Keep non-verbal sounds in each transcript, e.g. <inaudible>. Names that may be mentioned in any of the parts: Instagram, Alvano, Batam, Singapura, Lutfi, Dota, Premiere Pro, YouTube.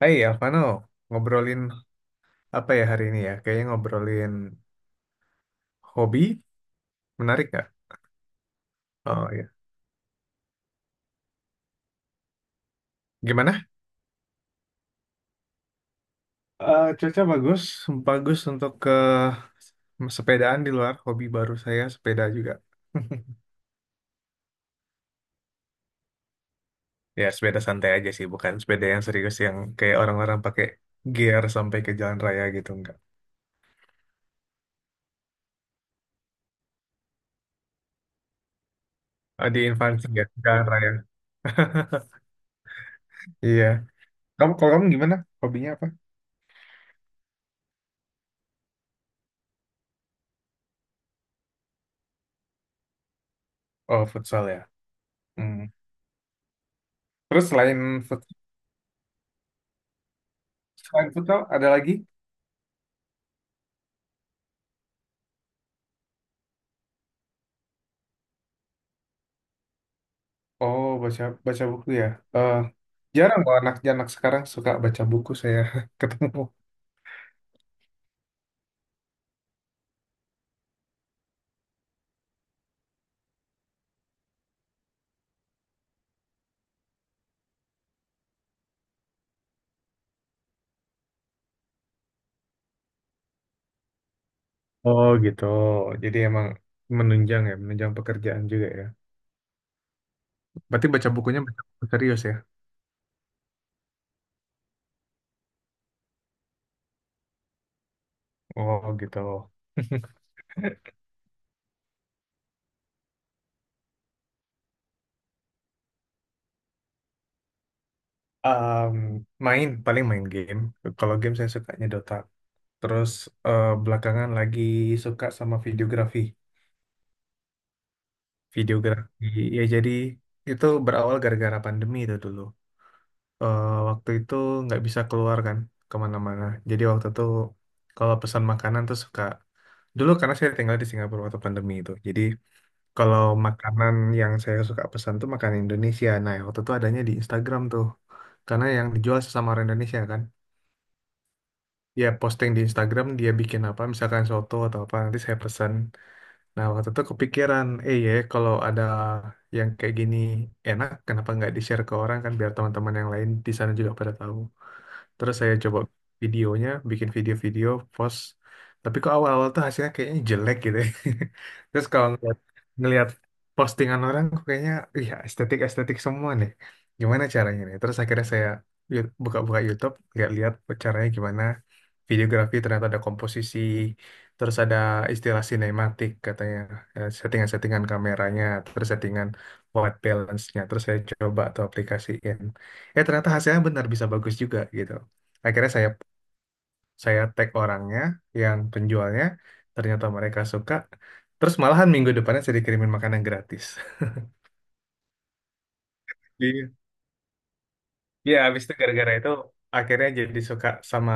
Hai Alvano, ngobrolin apa ya hari ini ya? Kayaknya ngobrolin hobi, menarik nggak? Oh iya. Gimana? Cuaca bagus, bagus untuk ke sepedaan di luar. Hobi baru saya sepeda juga. <laughs> Ya sepeda santai aja sih, bukan sepeda yang serius yang kayak orang-orang pakai gear sampai ke jalan raya gitu enggak. Di Infancy ya, jalan raya. <laughs> Iya. Kamu kalau kamu gimana? Hobinya apa? Oh futsal ya. Hmm. Terus futsal, selain futsal ada lagi? Oh, baca baca buku ya. Eh, jarang kok anak-anak sekarang suka baca buku saya <laughs> ketemu. Oh gitu. Jadi emang menunjang ya, menunjang pekerjaan juga ya. Berarti baca buku serius ya. Oh gitu. <laughs> Em, main paling main game. Kalau game saya sukanya Dota. Terus belakangan lagi suka sama videografi. Videografi ya jadi itu berawal gara-gara pandemi itu dulu. Waktu itu nggak bisa keluar kan kemana-mana. Jadi waktu itu kalau pesan makanan tuh suka dulu karena saya tinggal di Singapura waktu pandemi itu. Jadi kalau makanan yang saya suka pesan tuh makanan Indonesia. Nah waktu itu adanya di Instagram tuh karena yang dijual sesama orang Indonesia kan. Dia posting di Instagram dia bikin apa misalkan soto atau apa nanti saya pesan. Nah waktu itu kepikiran ya kalau ada yang kayak gini enak kenapa nggak di share ke orang kan biar teman-teman yang lain di sana juga pada tahu. Terus saya coba videonya, bikin video-video, post. Tapi kok awal-awal tuh hasilnya kayaknya jelek gitu ya. <laughs> Terus kalau ngeliat postingan orang, kok kayaknya, iya estetik-estetik semua nih. Gimana caranya nih? Terus akhirnya saya buka-buka YouTube, lihat-lihat caranya gimana. Videografi ternyata ada komposisi, terus ada istilah sinematik katanya, settingan-settingan kameranya, terus settingan white balance-nya. Terus saya coba tuh aplikasiin. Eh ternyata hasilnya benar bisa bagus juga gitu akhirnya saya tag orangnya yang penjualnya ternyata mereka suka terus malahan minggu depannya saya dikirimin makanan gratis. <laughs> Iya. Ya, habis itu gara-gara itu akhirnya jadi suka sama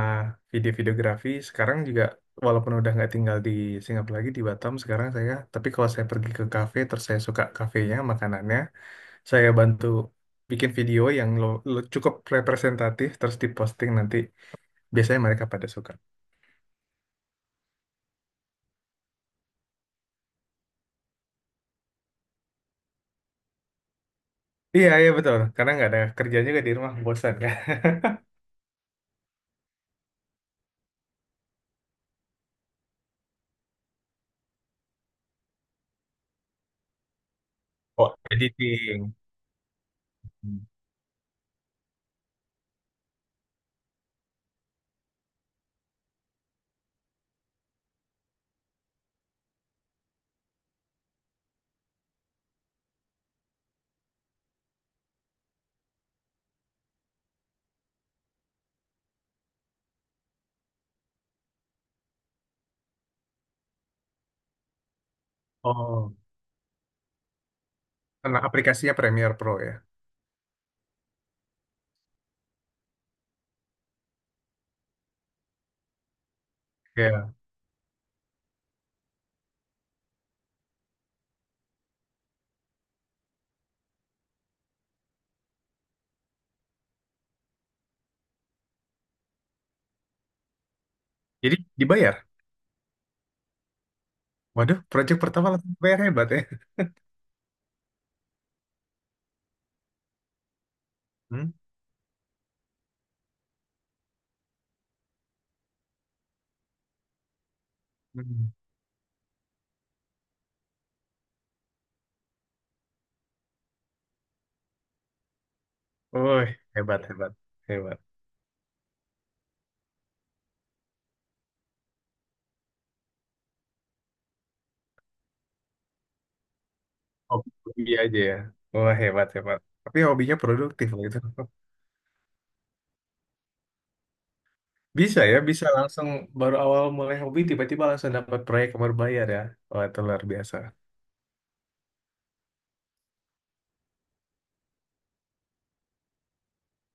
video-videografi. Sekarang juga walaupun udah nggak tinggal di Singapura lagi di Batam sekarang saya, tapi kalau saya pergi ke kafe terus saya suka kafenya, makanannya, saya bantu bikin video yang lo cukup representatif terus diposting nanti biasanya mereka pada suka. Iya, iya betul. Karena nggak ada kerja juga di rumah, bosan kan. <laughs> Oh, editing. Hmm. Oh, karena aplikasinya Premiere Pro ya. Ya. Jadi dibayar. Waduh, project pertama langsung dibayar hebat ya. Hmm? Hmm. Woi, hebat, hebat, hebat. Hobi hobi aja ya. Wah, hebat, hebat. Tapi hobinya produktif loh itu. <laughs> Bisa ya, bisa langsung baru awal mulai hobi tiba-tiba langsung dapat proyek yang berbayar ya. Wah, itu luar biasa.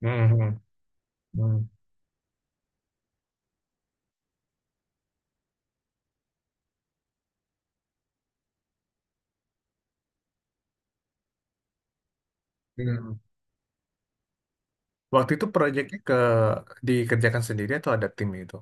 Hmm. Hmm. Hmm. Waktu itu proyeknya dikerjakan sendiri atau ada tim itu?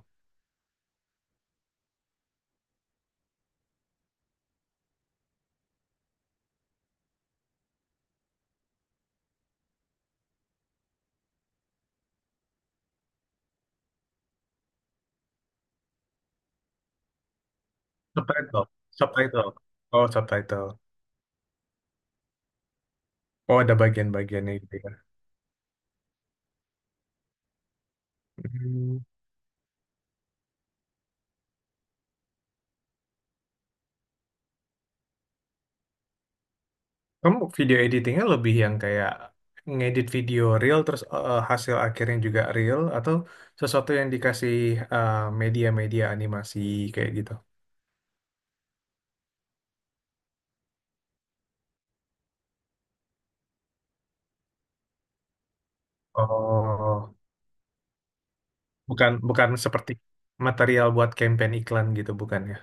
Subtitle. Subtitle. Oh, subtitle. Oh, ada bagian-bagiannya gitu ya. Hmm. Kamu video editingnya lebih yang kayak ngedit video real terus hasil akhirnya juga real atau sesuatu yang dikasih eh, media-media animasi kayak gitu? Oh, bukan bukan seperti material buat campaign iklan gitu bukan ya?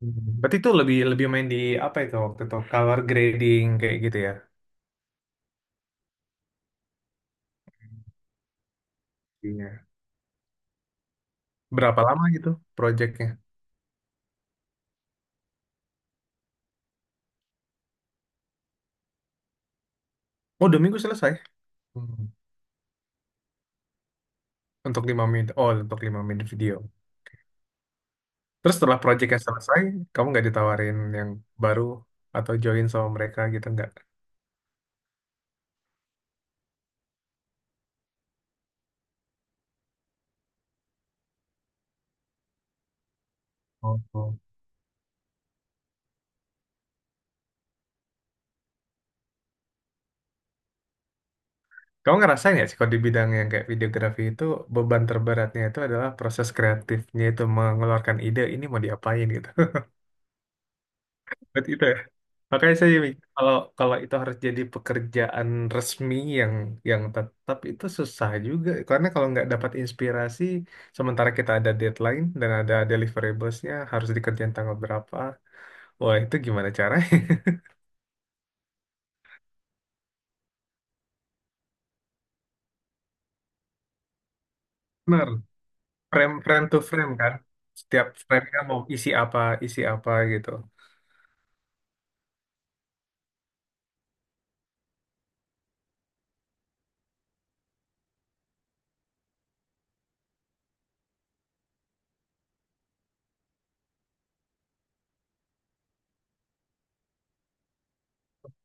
Hmm. Berarti itu lebih lebih main di apa itu waktu itu color grading kayak gitu ya? Iya. Berapa lama gitu proyeknya? Oh, dua minggu selesai. Hmm. Untuk lima menit. Oh, untuk lima menit video. Terus setelah proyeknya selesai, kamu nggak ditawarin yang baru atau join sama mereka gitu nggak? Oh. Kamu ngerasain nggak sih kalau di bidang yang kayak videografi itu beban terberatnya itu adalah proses kreatifnya itu mengeluarkan ide ini mau diapain gitu. <laughs> Berarti itu. Makanya saya mikir, kalau kalau itu harus jadi pekerjaan resmi yang yang tetap itu susah juga karena kalau nggak dapat inspirasi sementara kita ada deadline dan ada deliverablesnya harus dikerjain tanggal berapa wah itu gimana caranya. <laughs> Benar, frame frame to frame kan setiap framenya mau isi apa gitu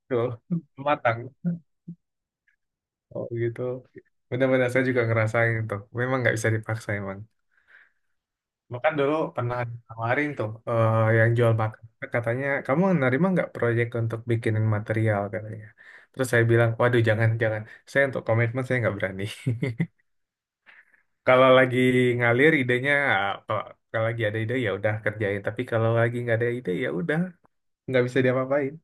tuh. <laughs> Matang oh gitu. Benar-benar saya juga ngerasain tuh memang nggak bisa dipaksa emang. Makan dulu pernah tawarin tuh yang jual makan. Katanya, kamu nerima nggak proyek untuk bikinin material katanya. Terus saya bilang, waduh jangan, jangan. Saya untuk komitmen saya nggak berani. <laughs> Kalau lagi ngalir idenya, ah, kalau, kalau lagi ada ide ya udah kerjain. Tapi kalau lagi nggak ada ide ya udah nggak bisa diapa-apain.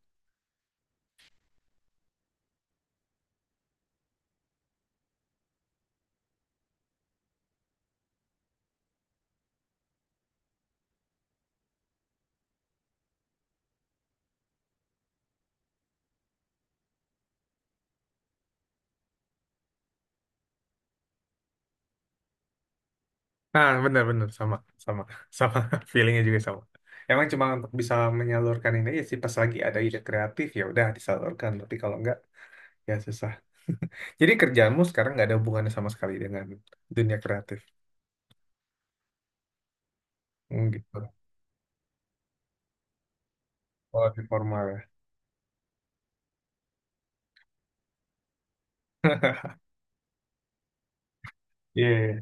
Nah benar-benar sama, sama, sama. <laughs> Feelingnya juga sama. Emang cuma untuk bisa menyalurkan ini aja sih pas lagi ada ide kreatif ya udah disalurkan. Tapi kalau nggak ya susah. Jadi kerjaanmu sekarang nggak ada hubungannya sama sekali dengan dunia kreatif. Hmm, gitu. Kalau di formal ya. <laughs> Iya, iya,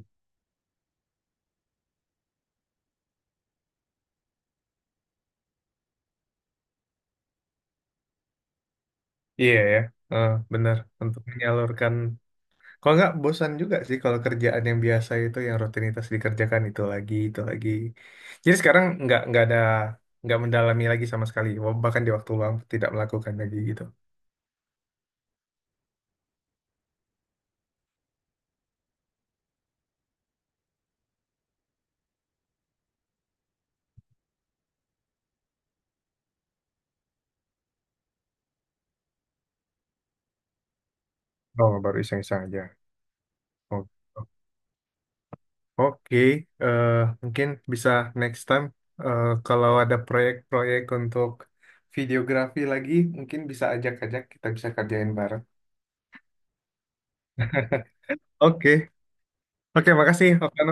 Iya, ya. Eh, benar. Untuk menyalurkan. Kalau nggak bosan juga sih kalau kerjaan yang biasa itu, yang rutinitas dikerjakan itu lagi, itu lagi. Jadi sekarang nggak mendalami lagi sama sekali. Bahkan di waktu luang tidak melakukan lagi gitu. Oh, baru iseng-iseng aja. Oh. Oke, eh, mungkin bisa next time kalau ada proyek-proyek untuk videografi lagi, mungkin bisa ajak-ajak kita bisa kerjain bareng. Oke, Oke, makasih, Okano.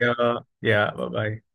Ya, ya, bye-bye.